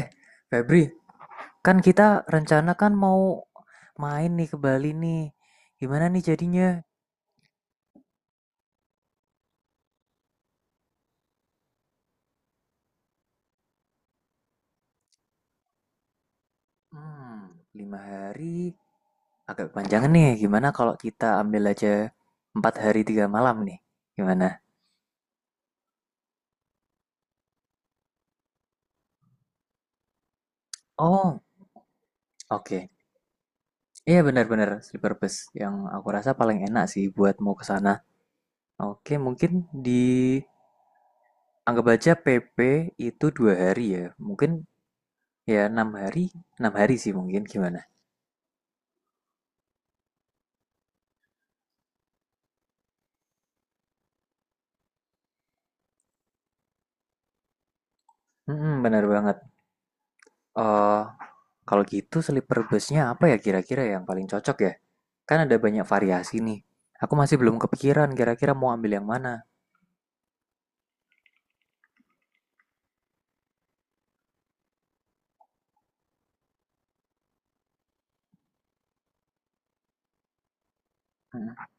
Eh, Febri, kan kita rencana kan mau main nih ke Bali nih. Gimana nih jadinya? Hmm, 5 hari agak panjang nih. Gimana kalau kita ambil aja 4 hari 3 malam nih? Gimana? Oh, oke. Iya benar-benar sleeper bus yang aku rasa paling enak sih buat mau ke sana. Oke, mungkin di anggap aja PP itu 2 hari ya. Mungkin ya enam hari sih mungkin gimana? Benar banget. Eh, Kalau gitu sleeper busnya apa ya kira-kira yang paling cocok ya? Kan ada banyak variasi nih. Aku masih belum kepikiran kira-kira mau ambil yang mana. Hmm.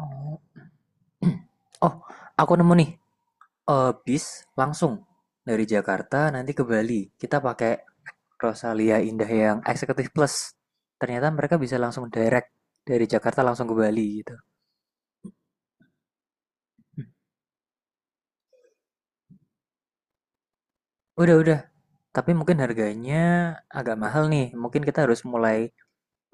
Oh, oh, aku nemu nih. Bis langsung dari Jakarta nanti ke Bali. Kita pakai Rosalia Indah yang Executive Plus. Ternyata mereka bisa langsung direct dari Jakarta langsung ke Bali gitu. Hmm. Udah, udah. Tapi mungkin harganya agak mahal nih. Mungkin kita harus mulai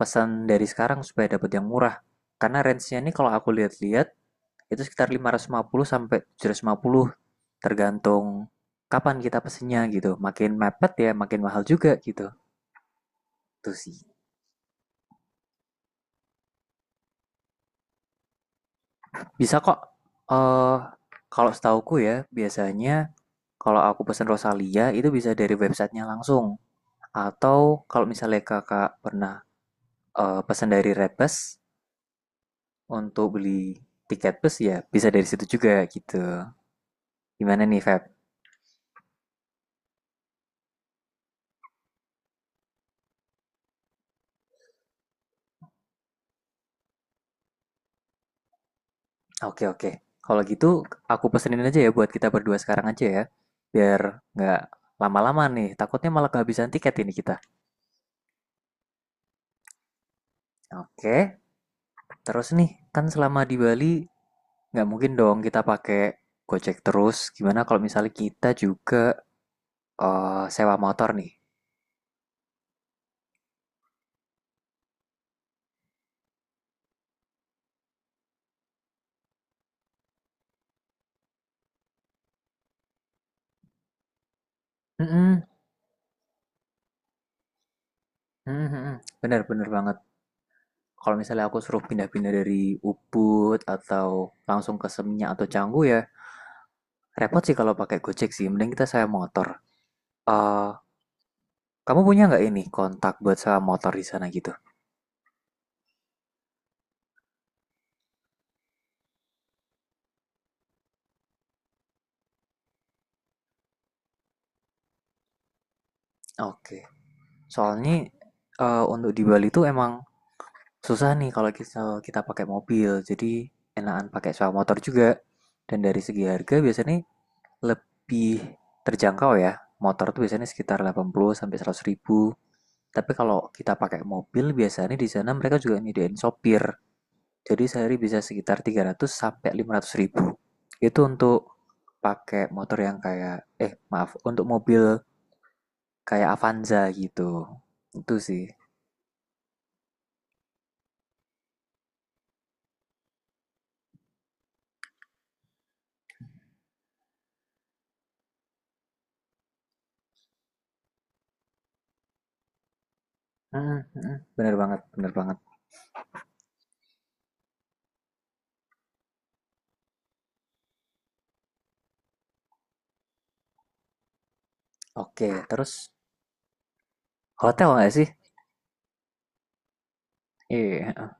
pesan dari sekarang supaya dapat yang murah. Karena range-nya ini kalau aku lihat-lihat itu sekitar 550 sampai 750 tergantung kapan kita pesennya gitu. Makin mepet ya makin mahal juga gitu. Tuh sih. Bisa kok, eh kalau setauku ya biasanya kalau aku pesen Rosalia itu bisa dari websitenya langsung atau kalau misalnya kakak pernah pesan dari Redbus untuk beli tiket bus ya bisa dari situ juga gitu. Gimana nih Feb? Oke, oke. Kalau gitu aku pesenin aja ya buat kita berdua sekarang aja ya. Biar nggak lama-lama nih. Takutnya malah kehabisan tiket ini kita. Oke. Terus nih kan selama di Bali nggak mungkin dong kita pakai Gojek terus. Gimana kalau misalnya kita juga sewa motor nih? Mm-mm. Mm-mm, bener bener banget. Kalau misalnya aku suruh pindah-pindah dari Ubud atau langsung ke Seminyak atau Canggu ya repot sih kalau pakai Gojek sih. Mending kita sewa motor. Eh Kamu punya nggak ini kontak buat sewa motor di sana gitu? Oke. Soalnya, untuk di Bali tuh emang susah nih kalau kita kita pakai mobil. Jadi enakan pakai sewa motor juga. Dan dari segi harga biasanya lebih terjangkau ya. Motor tuh biasanya sekitar 80 sampai 100 ribu. Tapi kalau kita pakai mobil biasanya di sana mereka juga nyediain sopir. Jadi sehari bisa sekitar 300 sampai 500 ribu. Itu untuk pakai motor yang kayak, eh, maaf, untuk mobil kayak Avanza gitu. Itu sih. Mm, mm, bener banget, bener banget. Oke, terus hotel nggak sih? Iya.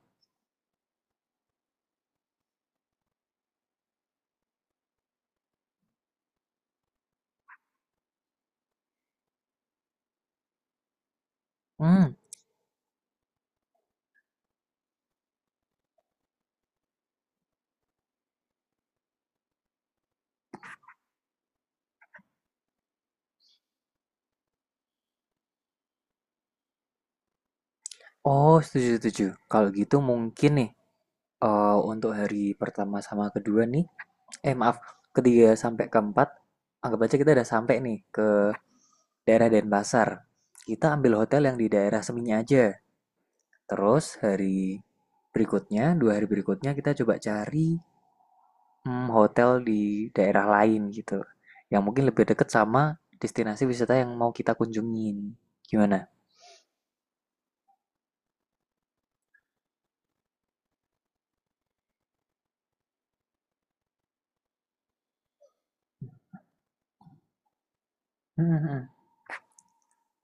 Hmm. Oh, setuju, setuju. Kalau gitu mungkin nih, untuk hari pertama sama kedua nih, eh, maaf, ketiga sampai keempat, anggap aja kita udah sampai nih ke daerah Denpasar. Kita ambil hotel yang di daerah Seminya aja. Terus hari berikutnya, 2 hari berikutnya kita coba cari, hotel di daerah lain gitu. Yang mungkin lebih dekat sama destinasi wisata yang mau kita kunjungin. Gimana? Hmm,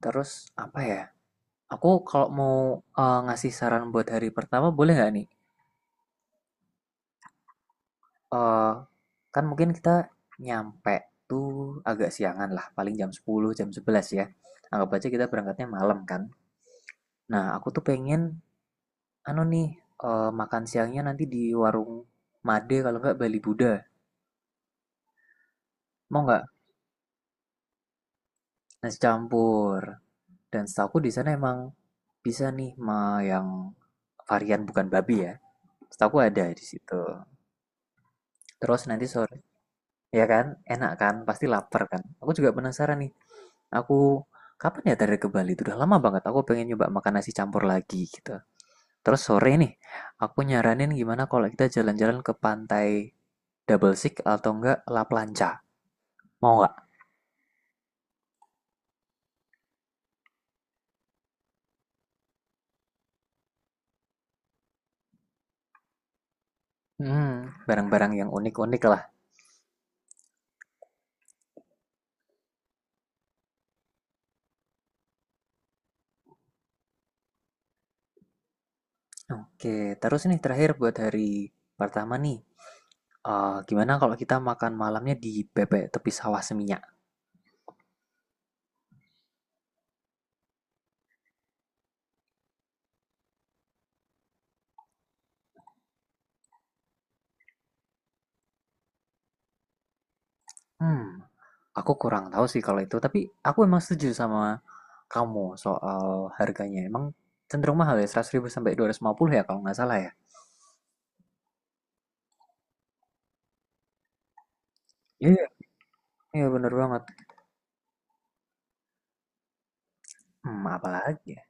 Terus apa ya? Aku kalau mau, ngasih saran buat hari pertama boleh nggak nih? Eh, Kan mungkin kita nyampe tuh agak siangan lah, paling jam 10, jam 11 ya. Anggap aja kita berangkatnya malam kan. Nah, aku tuh pengen anu nih, makan siangnya nanti di warung Made kalau nggak Bali Buddha. Mau nggak? Nasi campur. Dan setahu aku di sana emang bisa nih ma yang varian bukan babi ya. Setahu aku ada di situ. Terus nanti sore, ya kan? Enak kan? Pasti lapar kan? Aku juga penasaran nih. Aku kapan ya terakhir ke Bali? Itu udah lama banget. Aku pengen nyoba makan nasi campur lagi gitu. Terus sore nih, aku nyaranin gimana kalau kita jalan-jalan ke pantai Double Six atau enggak La Plancha. Mau nggak? Hmm, Barang-barang yang unik-unik lah. Oke, terus nih terakhir buat hari pertama nih. Gimana kalau kita makan malamnya di bebek tepi sawah seminyak? Hmm, aku kurang tahu sih kalau itu, tapi aku emang setuju sama kamu soal harganya. Emang cenderung mahal ya, 100 ribu sampai 250 ya kalau nggak salah ya. Iya, iya bener banget. Apalagi ya?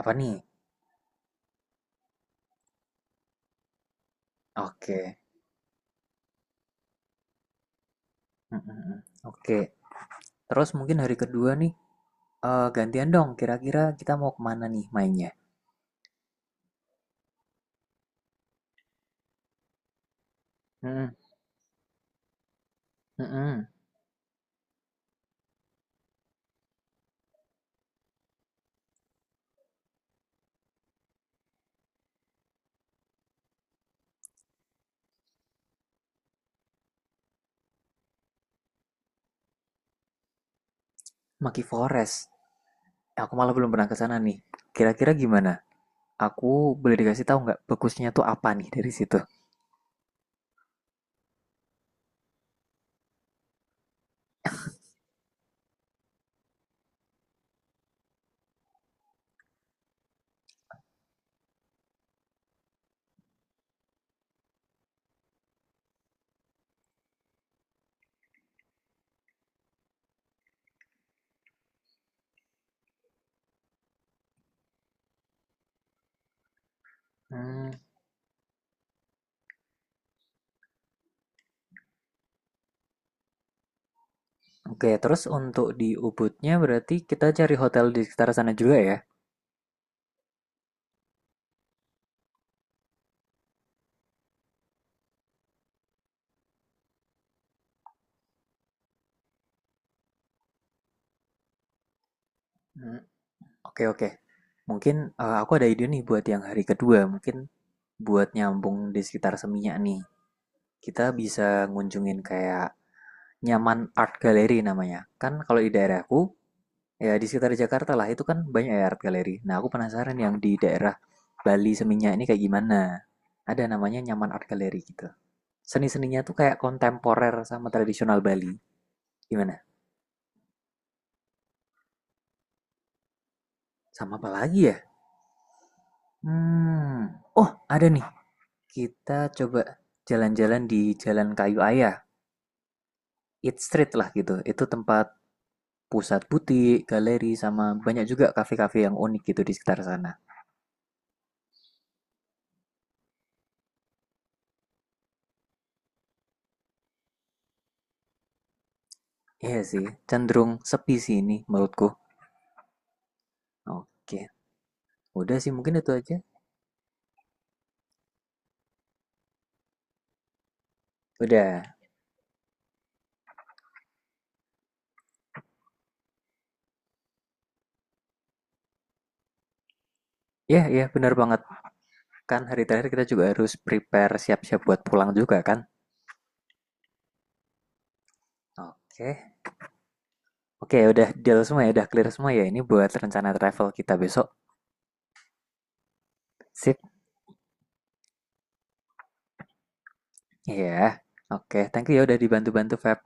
Apa nih? Oke. Mm, mm, mm. Oke. Terus mungkin hari kedua nih, gantian dong, kira-kira kita mau kemana nih mainnya? Mhm, mhm. Monkey Forest. Aku malah belum pernah ke sana nih. Kira-kira gimana? Aku boleh dikasih tahu nggak bagusnya tuh apa nih dari situ? Hmm, oke. Terus untuk di Ubudnya berarti kita cari hotel di sekitar sana juga ya? Hmm, oke, oke. Mungkin, aku ada ide nih buat yang hari kedua. Mungkin buat nyambung di sekitar Seminyak nih. Kita bisa ngunjungin kayak Nyaman Art Gallery namanya. Kan kalau di daerahku, ya, di sekitar Jakarta lah, itu kan banyak ya art galeri. Nah, aku penasaran yang di daerah Bali Seminyak ini kayak gimana. Ada namanya Nyaman Art Gallery gitu. Seni-seninya tuh kayak kontemporer sama tradisional Bali. Gimana? Sama apa lagi ya? Hmm. Oh, ada nih. Kita coba jalan-jalan di Jalan Kayu Ayah. Eat Street lah gitu. Itu tempat pusat butik, galeri, sama banyak juga kafe-kafe yang unik gitu di sekitar sana. Iya sih, cenderung sepi sih ini menurutku. Oke, udah sih, mungkin itu aja. Udah. Ya, ya, benar banget. Kan hari terakhir kita juga harus prepare siap-siap buat pulang juga kan? Oke. Oke, udah deal semua ya, udah clear semua ya. Ini buat rencana travel kita besok. Sip. Iya. Oke, thank you ya udah dibantu-bantu Feb.